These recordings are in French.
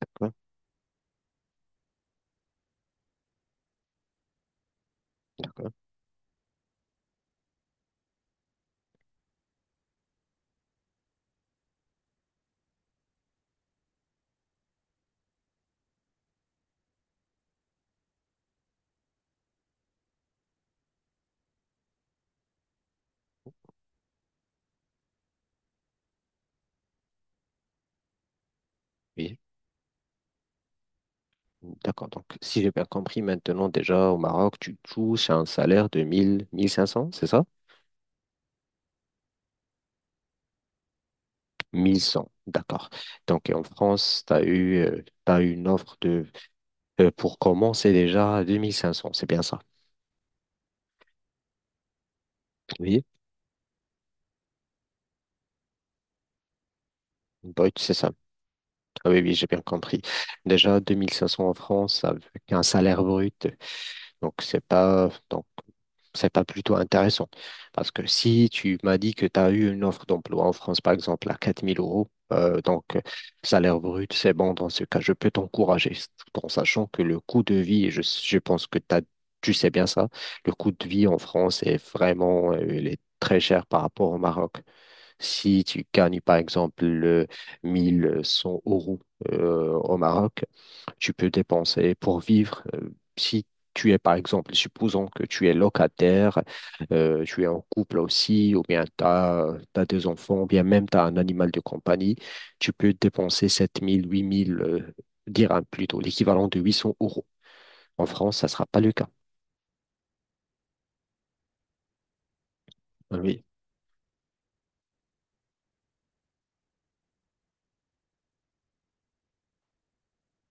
D'accord, d'accord, oui. D'accord. Donc, si j'ai bien compris, maintenant, déjà, au Maroc, tu touches un salaire de 1000, 1500, c'est ça? 1100, d'accord. Donc, et en France, t'as eu une offre de, pour commencer déjà à 2500, c'est bien ça? Oui, brut, c'est ça. Ah oui, oui, j'ai bien compris. Déjà, 2500 en France avec un salaire brut. Donc, c'est pas plutôt intéressant. Parce que si tu m'as dit que tu as eu une offre d'emploi en France, par exemple, à 4000 euros, salaire brut, c'est bon dans ce cas, je peux t'encourager, tout en sachant que le coût de vie, et je pense que tu sais bien ça, le coût de vie en France est vraiment, il est très cher par rapport au Maroc. Si tu gagnes, par exemple, 1100 euros au Maroc, tu peux dépenser pour vivre. Si tu es, par exemple, supposons que tu es locataire, tu es en couple aussi, ou bien tu as des enfants, ou bien même tu as un animal de compagnie, tu peux dépenser 7000, 8000 dirhams plutôt, l'équivalent de 800 euros. En France, ça ne sera pas le cas. Ah oui.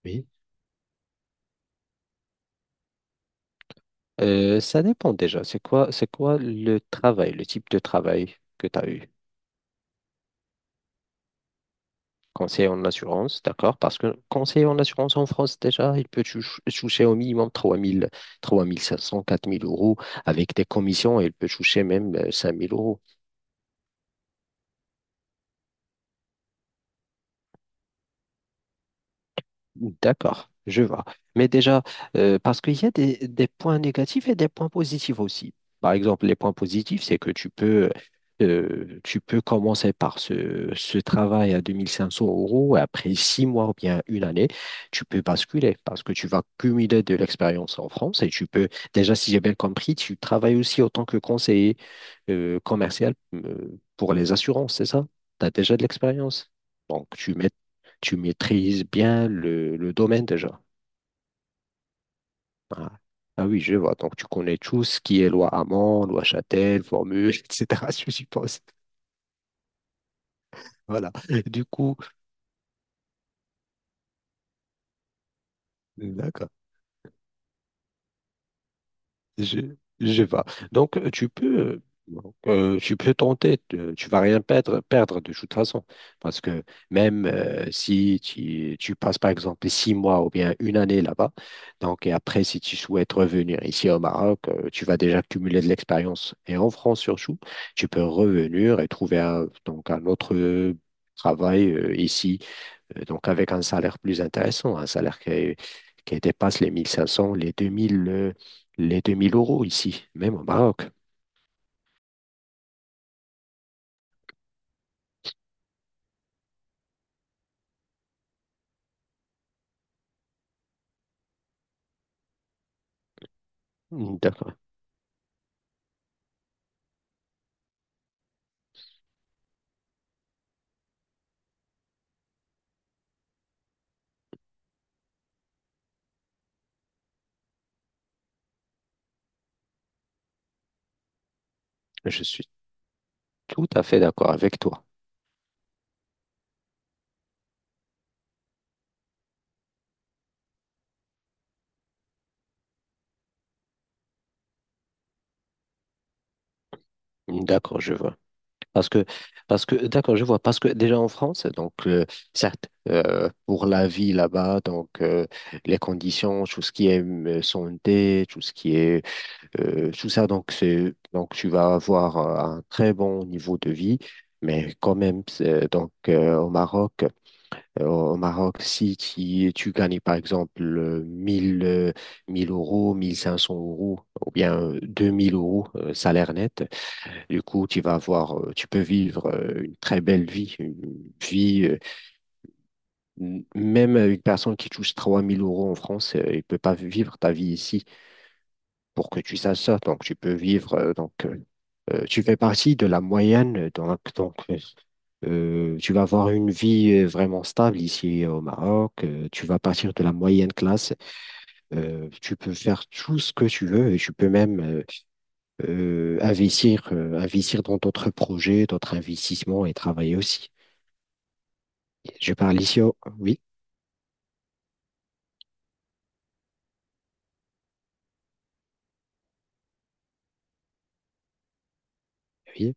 Oui. Ça dépend déjà. C'est quoi le travail, le type de travail que tu as eu? Conseiller en assurance, d'accord? Parce que conseiller en assurance en France, déjà, il peut toucher au minimum 3000, 3500, 4000 € avec des commissions et il peut toucher même cinq mille euros. D'accord, je vois. Mais déjà, parce qu'il y a des points négatifs et des points positifs aussi. Par exemple, les points positifs, c'est que tu peux commencer par ce travail à 2500 € et après 6 mois ou bien une année, tu peux basculer parce que tu vas cumuler de l'expérience en France et tu peux, déjà, si j'ai bien compris, tu travailles aussi en tant que conseiller, commercial, pour les assurances, c'est ça? Tu as déjà de l'expérience. Donc, tu maîtrises bien le domaine déjà. Ah. Ah oui, je vois. Donc, tu connais tout ce qui est loi Hamon, loi Châtel, formule, etc., je suppose. Voilà. Du coup, d'accord. Je, je vais. Donc, tu peux tenter, tu vas rien perdre de toute façon. Parce que même si tu passes, par exemple, 6 mois ou bien une année là-bas, donc, et après, si tu souhaites revenir ici au Maroc, tu vas déjà cumuler de l'expérience. Et en France surtout, tu peux revenir et trouver un, donc, un autre travail ici donc, avec un salaire plus intéressant, un salaire qui dépasse les 1500, les 2000 euros ici, même au Maroc. Mm, d'accord. Je suis tout à fait d'accord avec toi. Mm, d'accord, je vois. Parce que, parce que, d'accord, je vois. Parce que déjà en France, donc, certes, pour la vie là-bas, donc, les conditions, tout ce qui est santé, tout ce qui est tout ça, donc, c'est, donc, tu vas avoir un très bon niveau de vie, mais quand même, donc, au Maroc, si tu gagnes, par exemple, 1000 euros, 1500 euros, ou bien 2000 euros, salaire net, du coup, tu peux vivre une très belle vie, vie, euh, même une personne qui touche 3000 € en France, il peut pas vivre ta vie ici pour que tu saches ça. Donc, tu peux vivre tu fais partie de la moyenne, tu vas avoir une vie vraiment stable ici au Maroc, tu vas partir de la moyenne classe, tu peux faire tout ce que tu veux et tu peux même investir dans d'autres projets, d'autres investissements et travailler aussi. Je parle ici au... Oui, oui,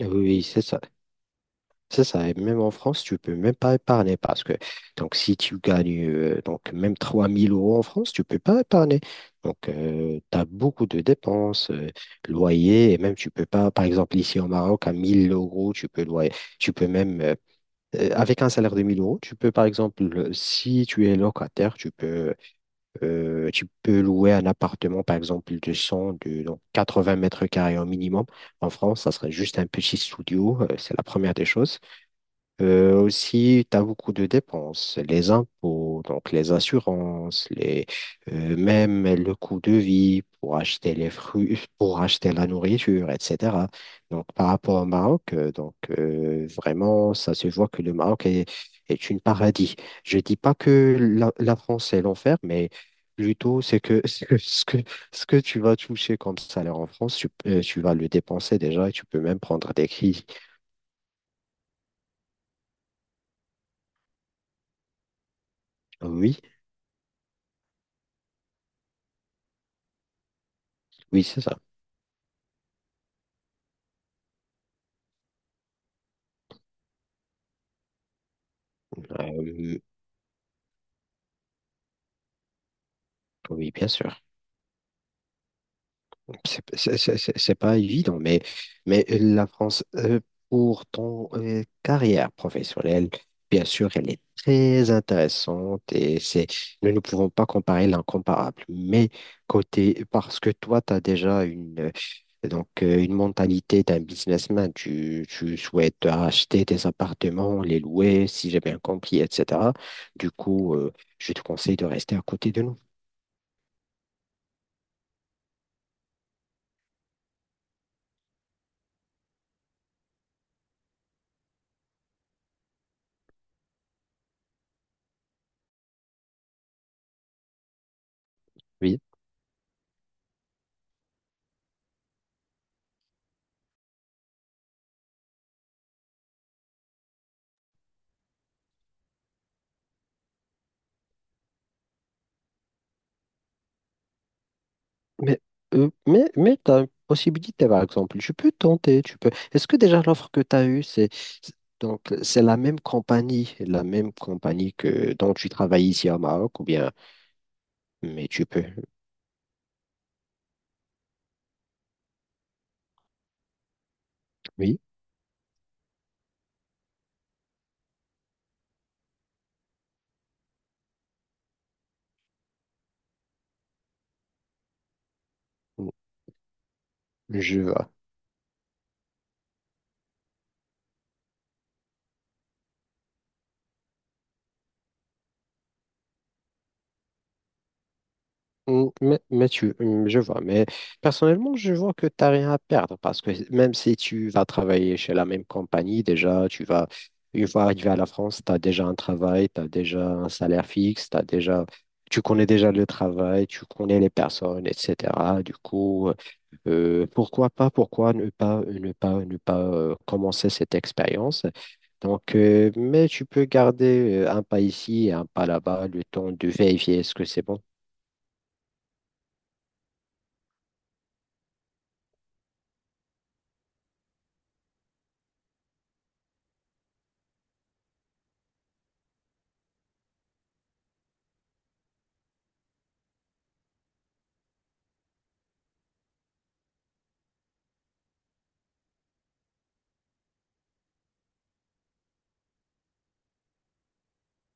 oui, c'est ça. C'est ça, et même en France, tu peux même pas épargner parce que donc si tu gagnes donc même 3000 € en France, tu peux pas épargner. Donc tu as beaucoup de dépenses, loyer, et même tu peux pas, par exemple ici au Maroc, à 1000 euros, tu peux loyer, tu peux même, euh, avec un salaire de 1000 euros, tu peux par exemple, si tu es locataire, tu peux louer un appartement par exemple de 100 de donc 80 mètres carrés au minimum. En France, ça serait juste un petit studio, c'est la première des choses. Aussi, tu as beaucoup de dépenses, les impôts, donc les assurances, les, même le coût de vie pour acheter les fruits, pour acheter la nourriture, etc. Donc, par rapport au Maroc, vraiment, ça se voit que le Maroc est une paradis. Je dis pas que la France est l'enfer, mais plutôt c'est que ce que tu vas toucher comme salaire en France, tu vas le dépenser déjà et tu peux même prendre des crises. Oui, oui, c'est ça. Euh, oui, bien sûr. C'est pas évident, mais la France, pour ton carrière professionnelle, bien sûr, elle est très intéressante et c'est, nous ne pouvons pas comparer l'incomparable. Mais côté, parce que toi, tu as déjà une mentalité d'un businessman, tu souhaites acheter des appartements, les louer, si j'ai bien compris, etc. Du coup, je te conseille de rester à côté de nous. Mais, mais tu as une possibilité, par exemple. Tu peux tenter, tu peux. Est-ce que déjà l'offre que tu as eue, c'est- donc c'est la même compagnie que dont tu travailles ici au Maroc, ou bien, mais tu peux. Oui, je vois. Mm, mais je vois, mais personnellement, je vois que tu n'as rien à perdre parce que même si tu vas travailler chez la même compagnie, déjà, tu vas, une fois arrivé à la France, tu as déjà un travail, tu as déjà un salaire fixe, t'as déjà, tu connais déjà le travail, tu connais les personnes, etc. Du coup, pourquoi pas, pourquoi ne pas commencer cette expérience? Donc, mais tu peux garder un pas ici et un pas là-bas, le temps de vérifier est-ce que c'est bon.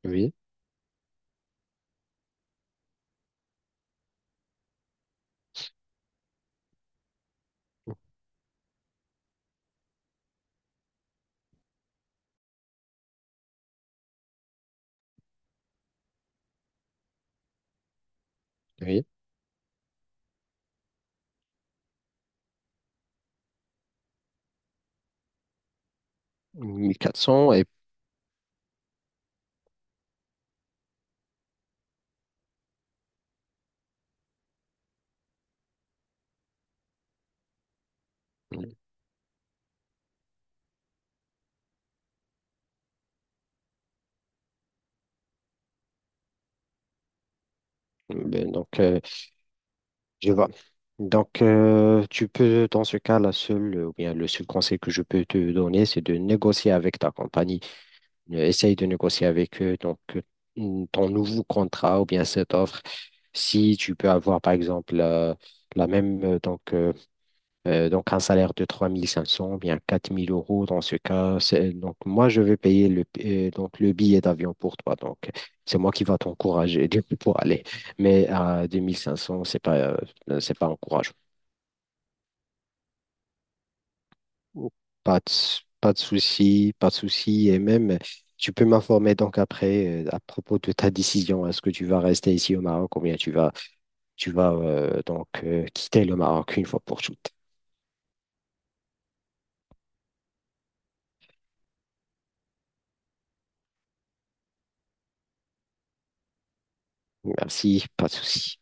Oui. Oui, 1400 et ben, donc je vois. Donc tu peux dans ce cas la seule ou bien le seul conseil que je peux te donner c'est de négocier avec ta compagnie. Essaye de négocier avec eux donc ton nouveau contrat ou bien cette offre. Si tu peux avoir par exemple la même donc, un salaire de 3500 bien 4000 euros dans ce cas. Donc, moi, je vais payer le billet d'avion pour toi. Donc, c'est moi qui va t'encourager du coup, pour aller. Mais à 2500, c'est pas encourageant. Pas de souci, pas de souci. Et même, tu peux m'informer donc après à propos de ta décision. Est-ce que tu vas rester ici au Maroc ou bien tu vas, quitter le Maroc une fois pour toutes? Merci, pas de souci.